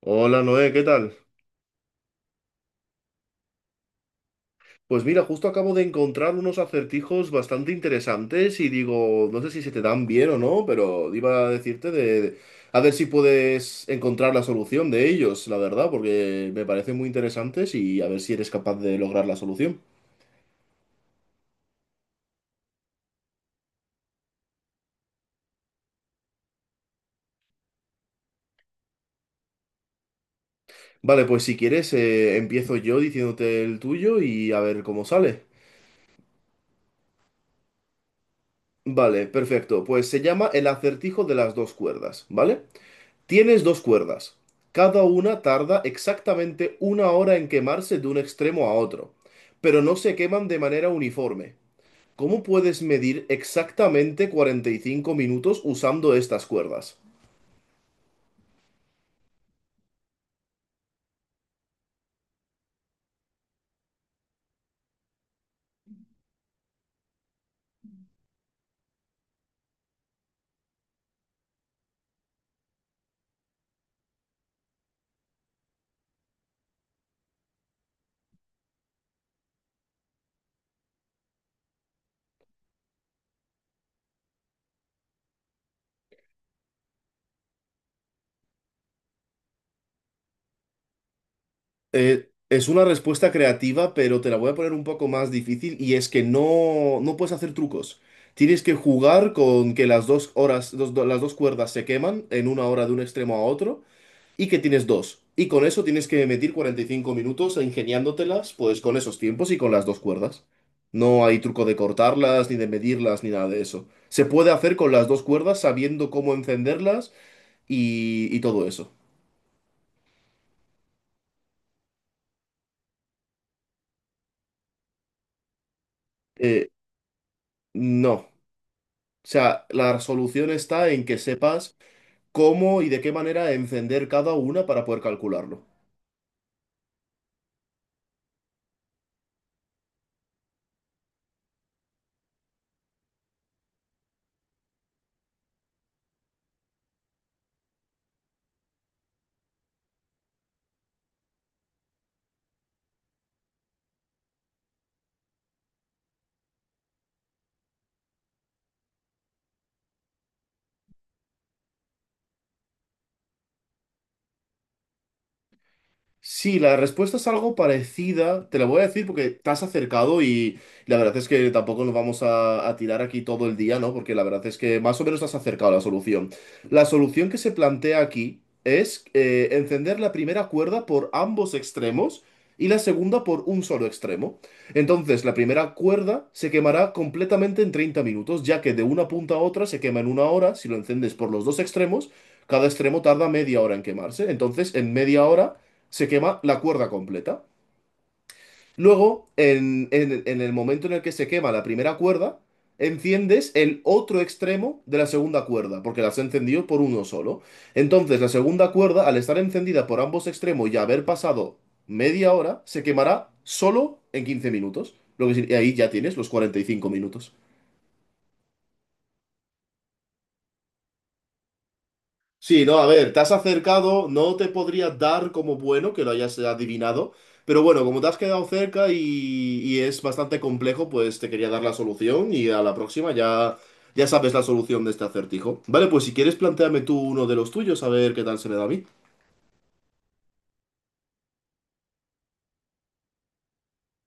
Hola Noé, ¿qué tal? Pues mira, justo acabo de encontrar unos acertijos bastante interesantes y digo, no sé si se te dan bien o no, pero iba a decirte a ver si puedes encontrar la solución de ellos, la verdad, porque me parecen muy interesantes y a ver si eres capaz de lograr la solución. Vale, pues si quieres, empiezo yo diciéndote el tuyo y a ver cómo sale. Vale, perfecto. Pues se llama el acertijo de las dos cuerdas, ¿vale? Tienes dos cuerdas. Cada una tarda exactamente una hora en quemarse de un extremo a otro, pero no se queman de manera uniforme. ¿Cómo puedes medir exactamente 45 minutos usando estas cuerdas? Es una respuesta creativa, pero te la voy a poner un poco más difícil y es que no, no puedes hacer trucos. Tienes que jugar con que las dos horas, las dos cuerdas se queman en una hora de un extremo a otro y que tienes dos. Y con eso tienes que meter 45 minutos ingeniándotelas, pues con esos tiempos y con las dos cuerdas. No hay truco de cortarlas, ni de medirlas, ni nada de eso. Se puede hacer con las dos cuerdas sabiendo cómo encenderlas y todo eso. Eh, no. O sea, la solución está en que sepas cómo y de qué manera encender cada una para poder calcularlo. Sí, la respuesta es algo parecida. Te la voy a decir porque te has acercado y la verdad es que tampoco nos vamos a tirar aquí todo el día, ¿no? Porque la verdad es que más o menos te has acercado a la solución. La solución que se plantea aquí es encender la primera cuerda por ambos extremos y la segunda por un solo extremo. Entonces, la primera cuerda se quemará completamente en 30 minutos, ya que de una punta a otra se quema en una hora. Si lo encendes por los dos extremos, cada extremo tarda media hora en quemarse. Entonces, en media hora se quema la cuerda completa. Luego, en el momento en el que se quema la primera cuerda, enciendes el otro extremo de la segunda cuerda, porque las has encendido por uno solo. Entonces, la segunda cuerda, al estar encendida por ambos extremos y haber pasado media hora, se quemará solo en 15 minutos. Y ahí ya tienes los 45 minutos. Sí, no, a ver, te has acercado, no te podría dar como bueno que lo hayas adivinado, pero bueno, como te has quedado cerca y es bastante complejo, pues te quería dar la solución y a la próxima ya sabes la solución de este acertijo. Vale, pues si quieres, plantéame tú uno de los tuyos, a ver qué tal se me da a mí.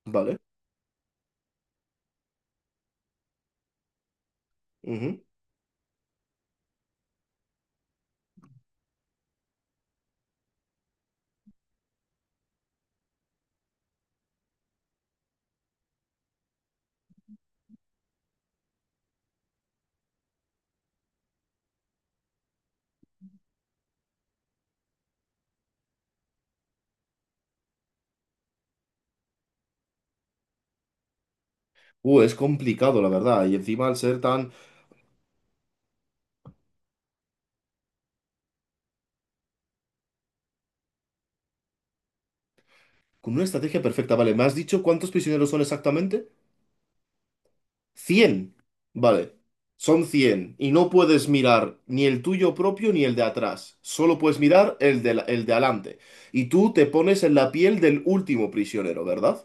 Vale. Ujú. Es complicado, la verdad, y encima al ser tan... Con una estrategia perfecta, vale, ¿me has dicho cuántos prisioneros son exactamente? Cien. Vale, son 100 y no puedes mirar ni el tuyo propio ni el de atrás, solo puedes mirar el de, el de adelante. Y tú te pones en la piel del último prisionero, ¿verdad?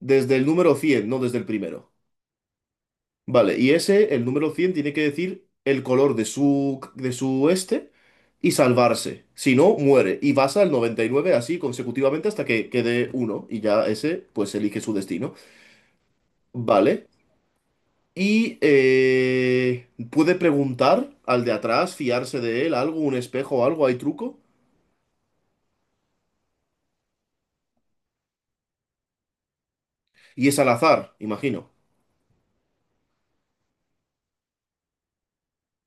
Desde el número cien, no desde el primero. Vale, y ese, el número 100 tiene que decir el color de su, este y salvarse. Si no, muere. Y vas al 99 así consecutivamente hasta que quede uno y ya ese pues elige su destino. Vale. Y puede preguntar al de atrás, fiarse de él, algo, un espejo o algo, hay truco. Y es al azar, imagino.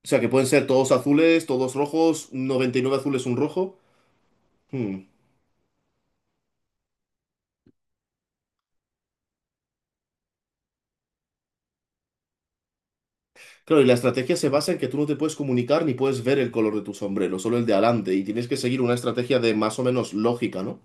O sea que pueden ser todos azules, todos rojos, 99 azules, un rojo. Hmm. Claro, y la estrategia se basa en que tú no te puedes comunicar ni puedes ver el color de tu sombrero, solo el de adelante. Y tienes que seguir una estrategia de más o menos lógica, ¿no?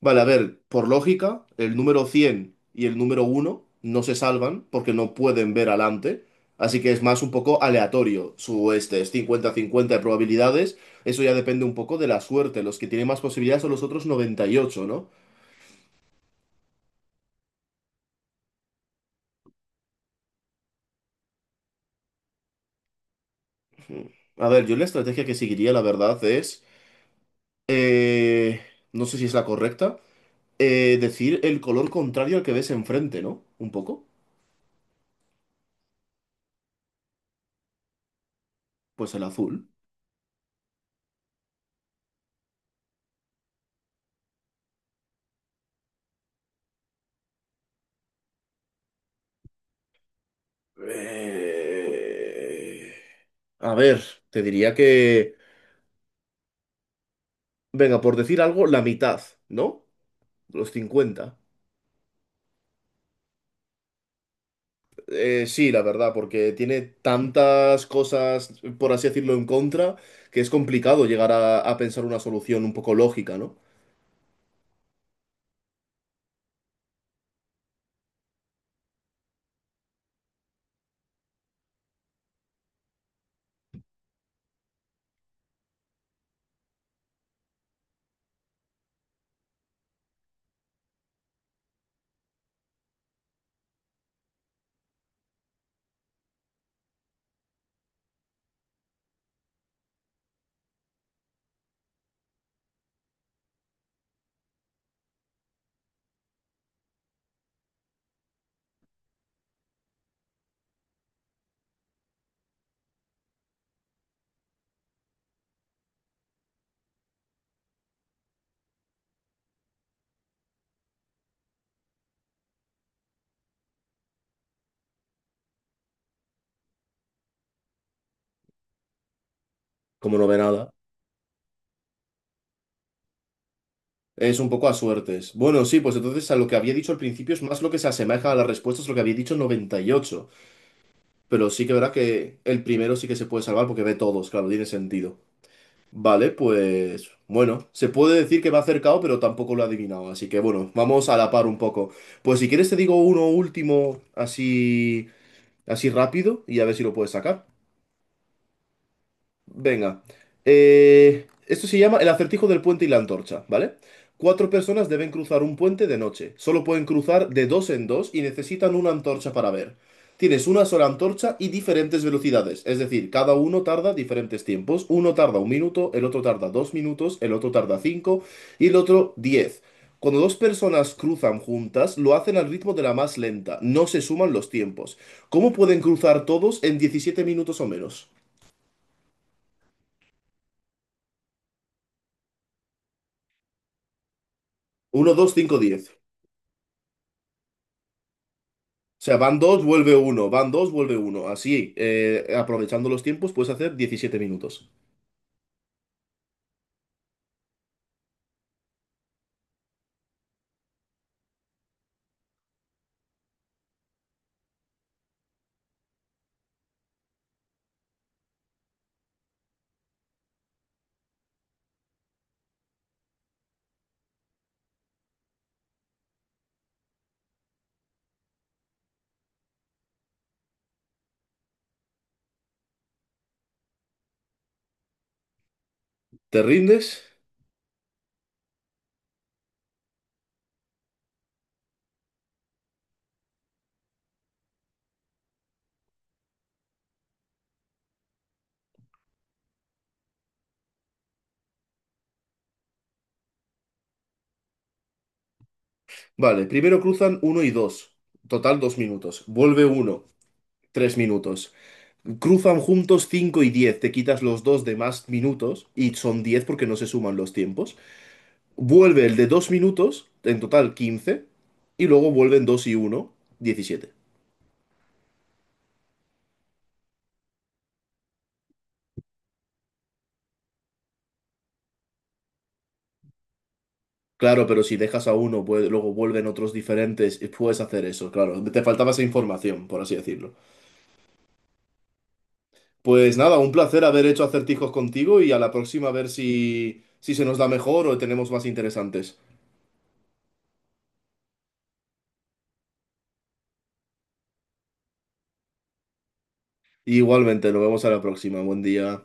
Vale, a ver, por lógica, el número 100 y el número uno no se salvan porque no pueden ver adelante, así que es más un poco aleatorio su este, es cincuenta cincuenta de probabilidades, eso ya depende un poco de la suerte. Los que tienen más posibilidades son los otros noventa y ocho, ¿no? A ver, yo la estrategia que seguiría, la verdad, es, eh, no sé si es la correcta, decir el color contrario al que ves enfrente, ¿no? Un poco, pues el azul. Eh, A ver, te diría que... Venga, por decir algo, la mitad, ¿no? Los cincuenta. Sí, la verdad, porque tiene tantas cosas, por así decirlo, en contra, que es complicado llegar a pensar una solución un poco lógica, ¿no? Como no ve nada. Es un poco a suertes. Bueno, sí, pues entonces a lo que había dicho al principio es más lo que se asemeja a las respuestas, lo que había dicho, noventa y ocho. Pero sí que verá que el primero sí que se puede salvar porque ve todos, claro, tiene sentido. Vale, pues bueno, se puede decir que va acercado, pero tampoco lo ha adivinado, así que bueno, vamos a la par un poco. Pues si quieres te digo uno último así así rápido y a ver si lo puedes sacar. Venga. Esto se llama el acertijo del puente y la antorcha, ¿vale? Cuatro personas deben cruzar un puente de noche. Solo pueden cruzar de dos en dos y necesitan una antorcha para ver. Tienes una sola antorcha y diferentes velocidades. Es decir, cada uno tarda diferentes tiempos. Uno tarda un minuto, el otro tarda dos minutos, el otro tarda cinco y el otro diez. Cuando dos personas cruzan juntas, lo hacen al ritmo de la más lenta. No se suman los tiempos. ¿Cómo pueden cruzar todos en 17 minutos o menos? Uno, 2, 5, 10. O sea, van 2, vuelve uno, van 2, vuelve uno. Así, aprovechando los tiempos, puedes hacer 17 minutos. ¿Te rindes? Vale, primero cruzan uno y 2, total 2 minutos. Vuelve uno, 3 minutos. Cruzan juntos 5 y 10, te quitas los dos de más minutos y son 10 porque no se suman los tiempos. Vuelve el de 2 minutos, en total quince. Y luego vuelven 2 y uno, 17. Claro, pero si dejas a uno, pues, luego vuelven otros diferentes y puedes hacer eso, claro. Te faltaba esa información, por así decirlo. Pues nada, un placer haber hecho acertijos contigo y a la próxima a ver si, se nos da mejor o tenemos más interesantes. Igualmente, nos vemos a la próxima. Buen día.